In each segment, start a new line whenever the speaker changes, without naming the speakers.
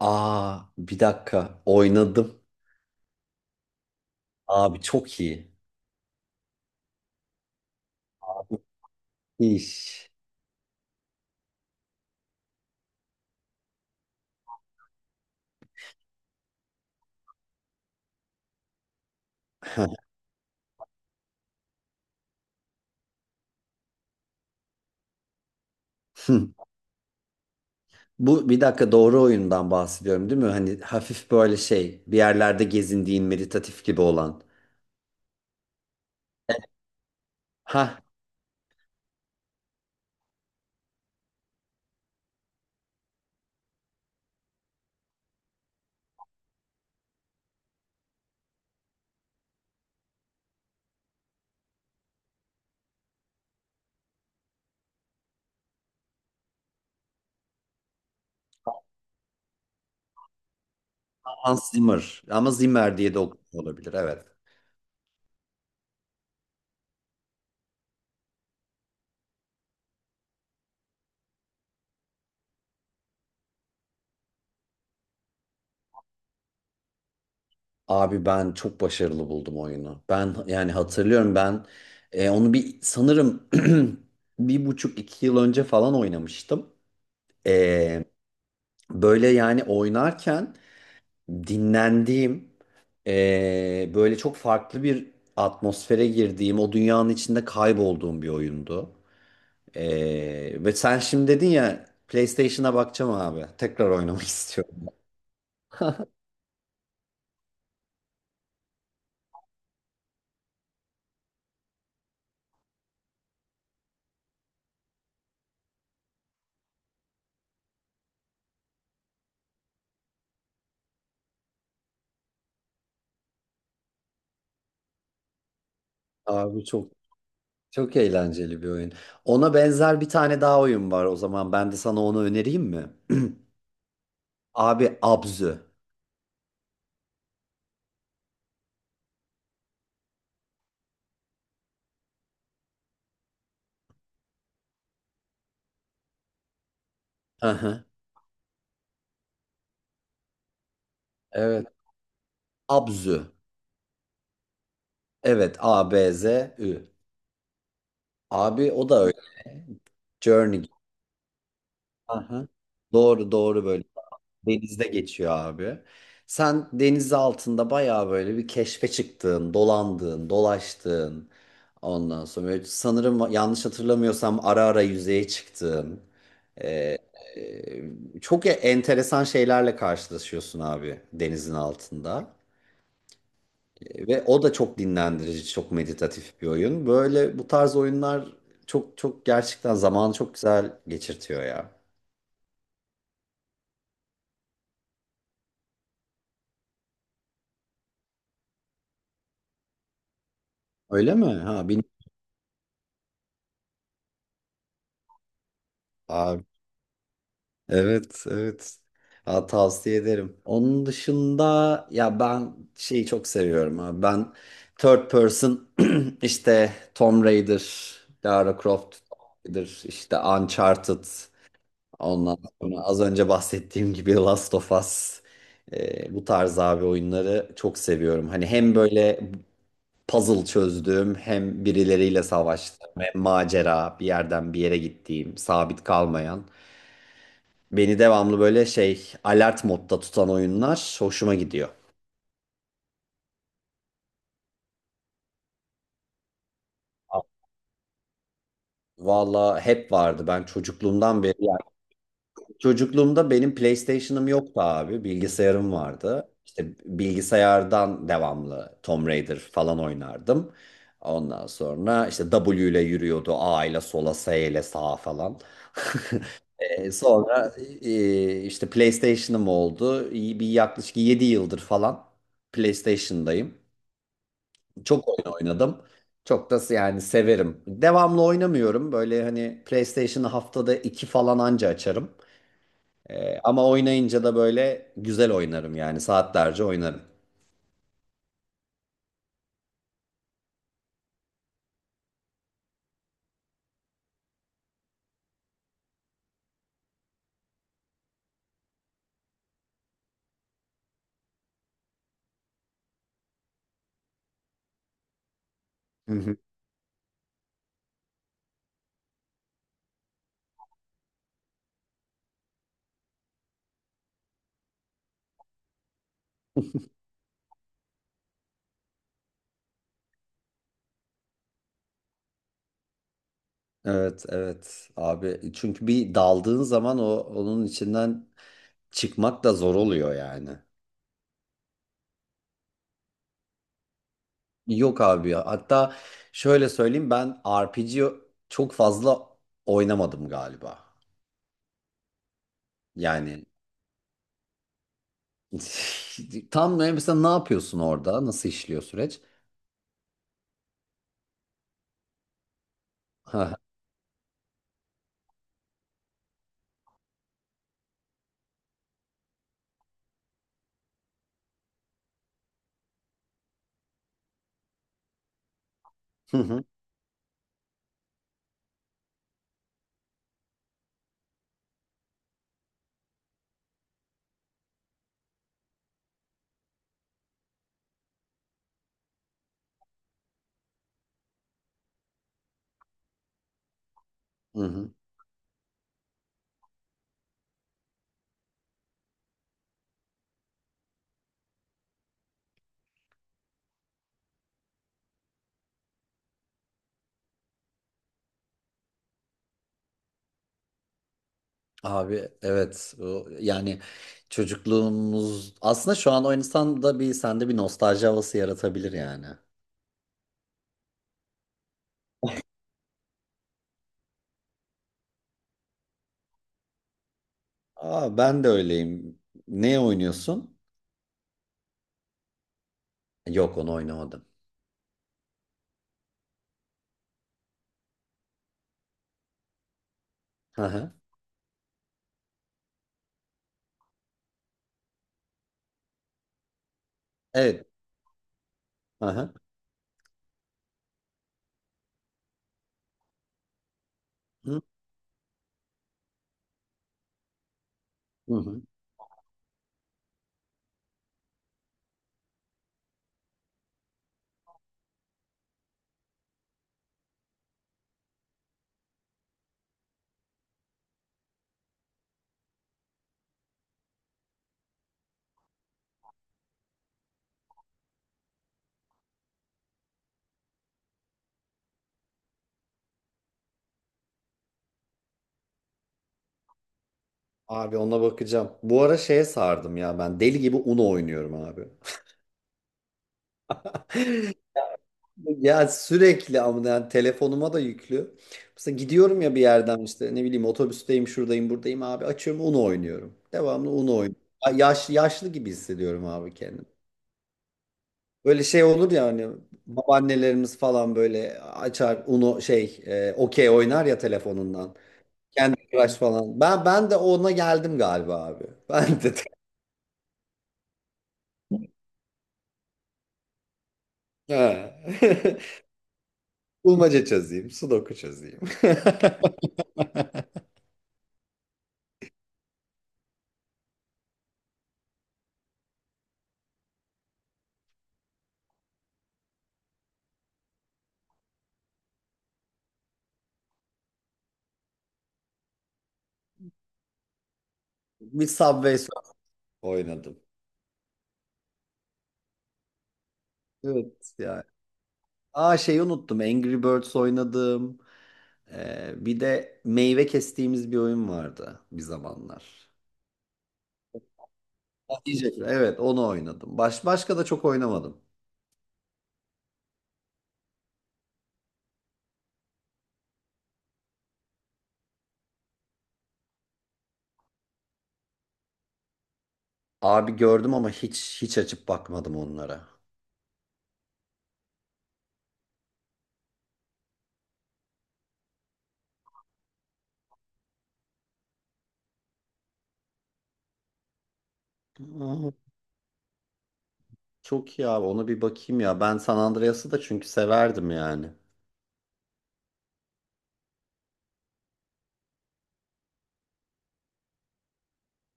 Aa, bir dakika oynadım. Abi çok iyi. İş. Hı. Bu bir dakika doğru oyundan bahsediyorum değil mi? Hani hafif böyle şey bir yerlerde gezindiğin meditatif gibi olan. Ha, Hans Zimmer ama Zimmer diye de okunuyor olabilir, evet. Abi ben çok başarılı buldum oyunu. Ben yani hatırlıyorum, ben onu bir sanırım bir buçuk iki yıl önce falan oynamıştım. E, Böyle yani oynarken dinlendiğim, böyle çok farklı bir atmosfere girdiğim, o dünyanın içinde kaybolduğum bir oyundu. Ve sen şimdi dedin ya, PlayStation'a bakacağım abi. Tekrar oynamak istiyorum. Abi çok çok eğlenceli bir oyun. Ona benzer bir tane daha oyun var o zaman. Ben de sana onu önereyim mi? Abi Abzü. Hı hı. Evet. Abzü. Evet, A B Z Ü. Abi o da öyle. Journey. Aha. Doğru doğru, böyle. Denizde geçiyor abi. Sen deniz altında bayağı böyle bir keşfe çıktığın, dolandığın, dolaştığın. Ondan sonra böyle sanırım yanlış hatırlamıyorsam ara ara yüzeye çıktığın. e, çok enteresan şeylerle karşılaşıyorsun abi denizin altında. Ve o da çok dinlendirici, çok meditatif bir oyun. Böyle bu tarz oyunlar çok çok gerçekten zamanı çok güzel geçirtiyor ya. Öyle mi? Ha, bilmiyorum. Evet, evet. Ha, tavsiye ederim. Onun dışında ya ben şeyi çok seviyorum abi. Ben third person işte Tomb Raider, Lara Croft, Tomb Raider, işte Uncharted. Ondan sonra az önce bahsettiğim gibi Last of Us. Bu tarz abi oyunları çok seviyorum. Hani hem böyle puzzle çözdüğüm, hem birileriyle savaştığım, hem macera bir yerden bir yere gittiğim, sabit kalmayan. Beni devamlı böyle şey alert modda tutan oyunlar hoşuma gidiyor. Valla hep vardı, ben çocukluğumdan beri. Yani çocukluğumda benim PlayStation'ım yoktu abi. Bilgisayarım vardı. İşte bilgisayardan devamlı Tomb Raider falan oynardım. Ondan sonra işte W ile yürüyordu. A ile sola, S ile sağa falan. Sonra işte PlayStation'ım oldu. İyi. Bir yaklaşık 7 yıldır falan PlayStation'dayım. Çok oyun oynadım. Çok da yani severim. Devamlı oynamıyorum. Böyle hani PlayStation'ı haftada iki falan anca açarım. Ama oynayınca da böyle güzel oynarım yani, saatlerce oynarım. Hı hı. Evet, evet abi. Çünkü bir daldığın zaman o onun içinden çıkmak da zor oluyor yani. Yok abi ya. Hatta şöyle söyleyeyim, ben RPG çok fazla oynamadım galiba. Yani tam ne- mesela ne yapıyorsun orada? Nasıl işliyor süreç? Ha, hı hı, hı hı. Abi evet, O- yani çocukluğumuz aslında şu an o insanda bir, sende bir nostalji havası yaratabilir yani. Aa, ben de öyleyim. Ne oynuyorsun? Yok, onu oynamadım. Hı hı. Evet. Hı hı. Hı hı. Abi ona bakacağım. Bu ara şeye sardım ya, ben deli gibi Uno oynuyorum abi. Ya sürekli, ama yani telefonuma da yüklü. Mesela gidiyorum ya bir yerden, işte ne bileyim otobüsteyim, şuradayım, buradayım abi, açıyorum Uno oynuyorum. Devamlı Uno oynuyorum. Ya- yaş, yaşlı gibi hissediyorum abi kendimi. Böyle şey olur ya hani, babaannelerimiz falan böyle açar Uno şey okey oynar ya telefonundan. Kendi Crush falan. Ben de ona geldim galiba abi. Ben de ha. Bulmaca çözeyim, sudoku çözeyim. Bir Subway Surf oynadım. Evet ya. Aa, şeyi unuttum. Angry Birds oynadım. Bir de meyve kestiğimiz bir oyun vardı bir zamanlar. Ha, Yiyecekler. Evet, onu oynadım. Baş, başka da çok oynamadım. Abi gördüm ama hiç hiç açıp bakmadım onlara. Aa, çok iyi abi, ona bir bakayım ya. Ben San Andreas'ı da çünkü severdim yani.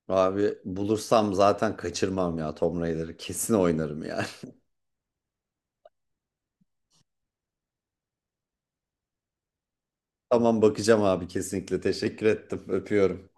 Abi bulursam zaten kaçırmam ya Tomb Raider'ı. Kesin oynarım yani. Tamam, bakacağım abi kesinlikle. Teşekkür ettim. Öpüyorum.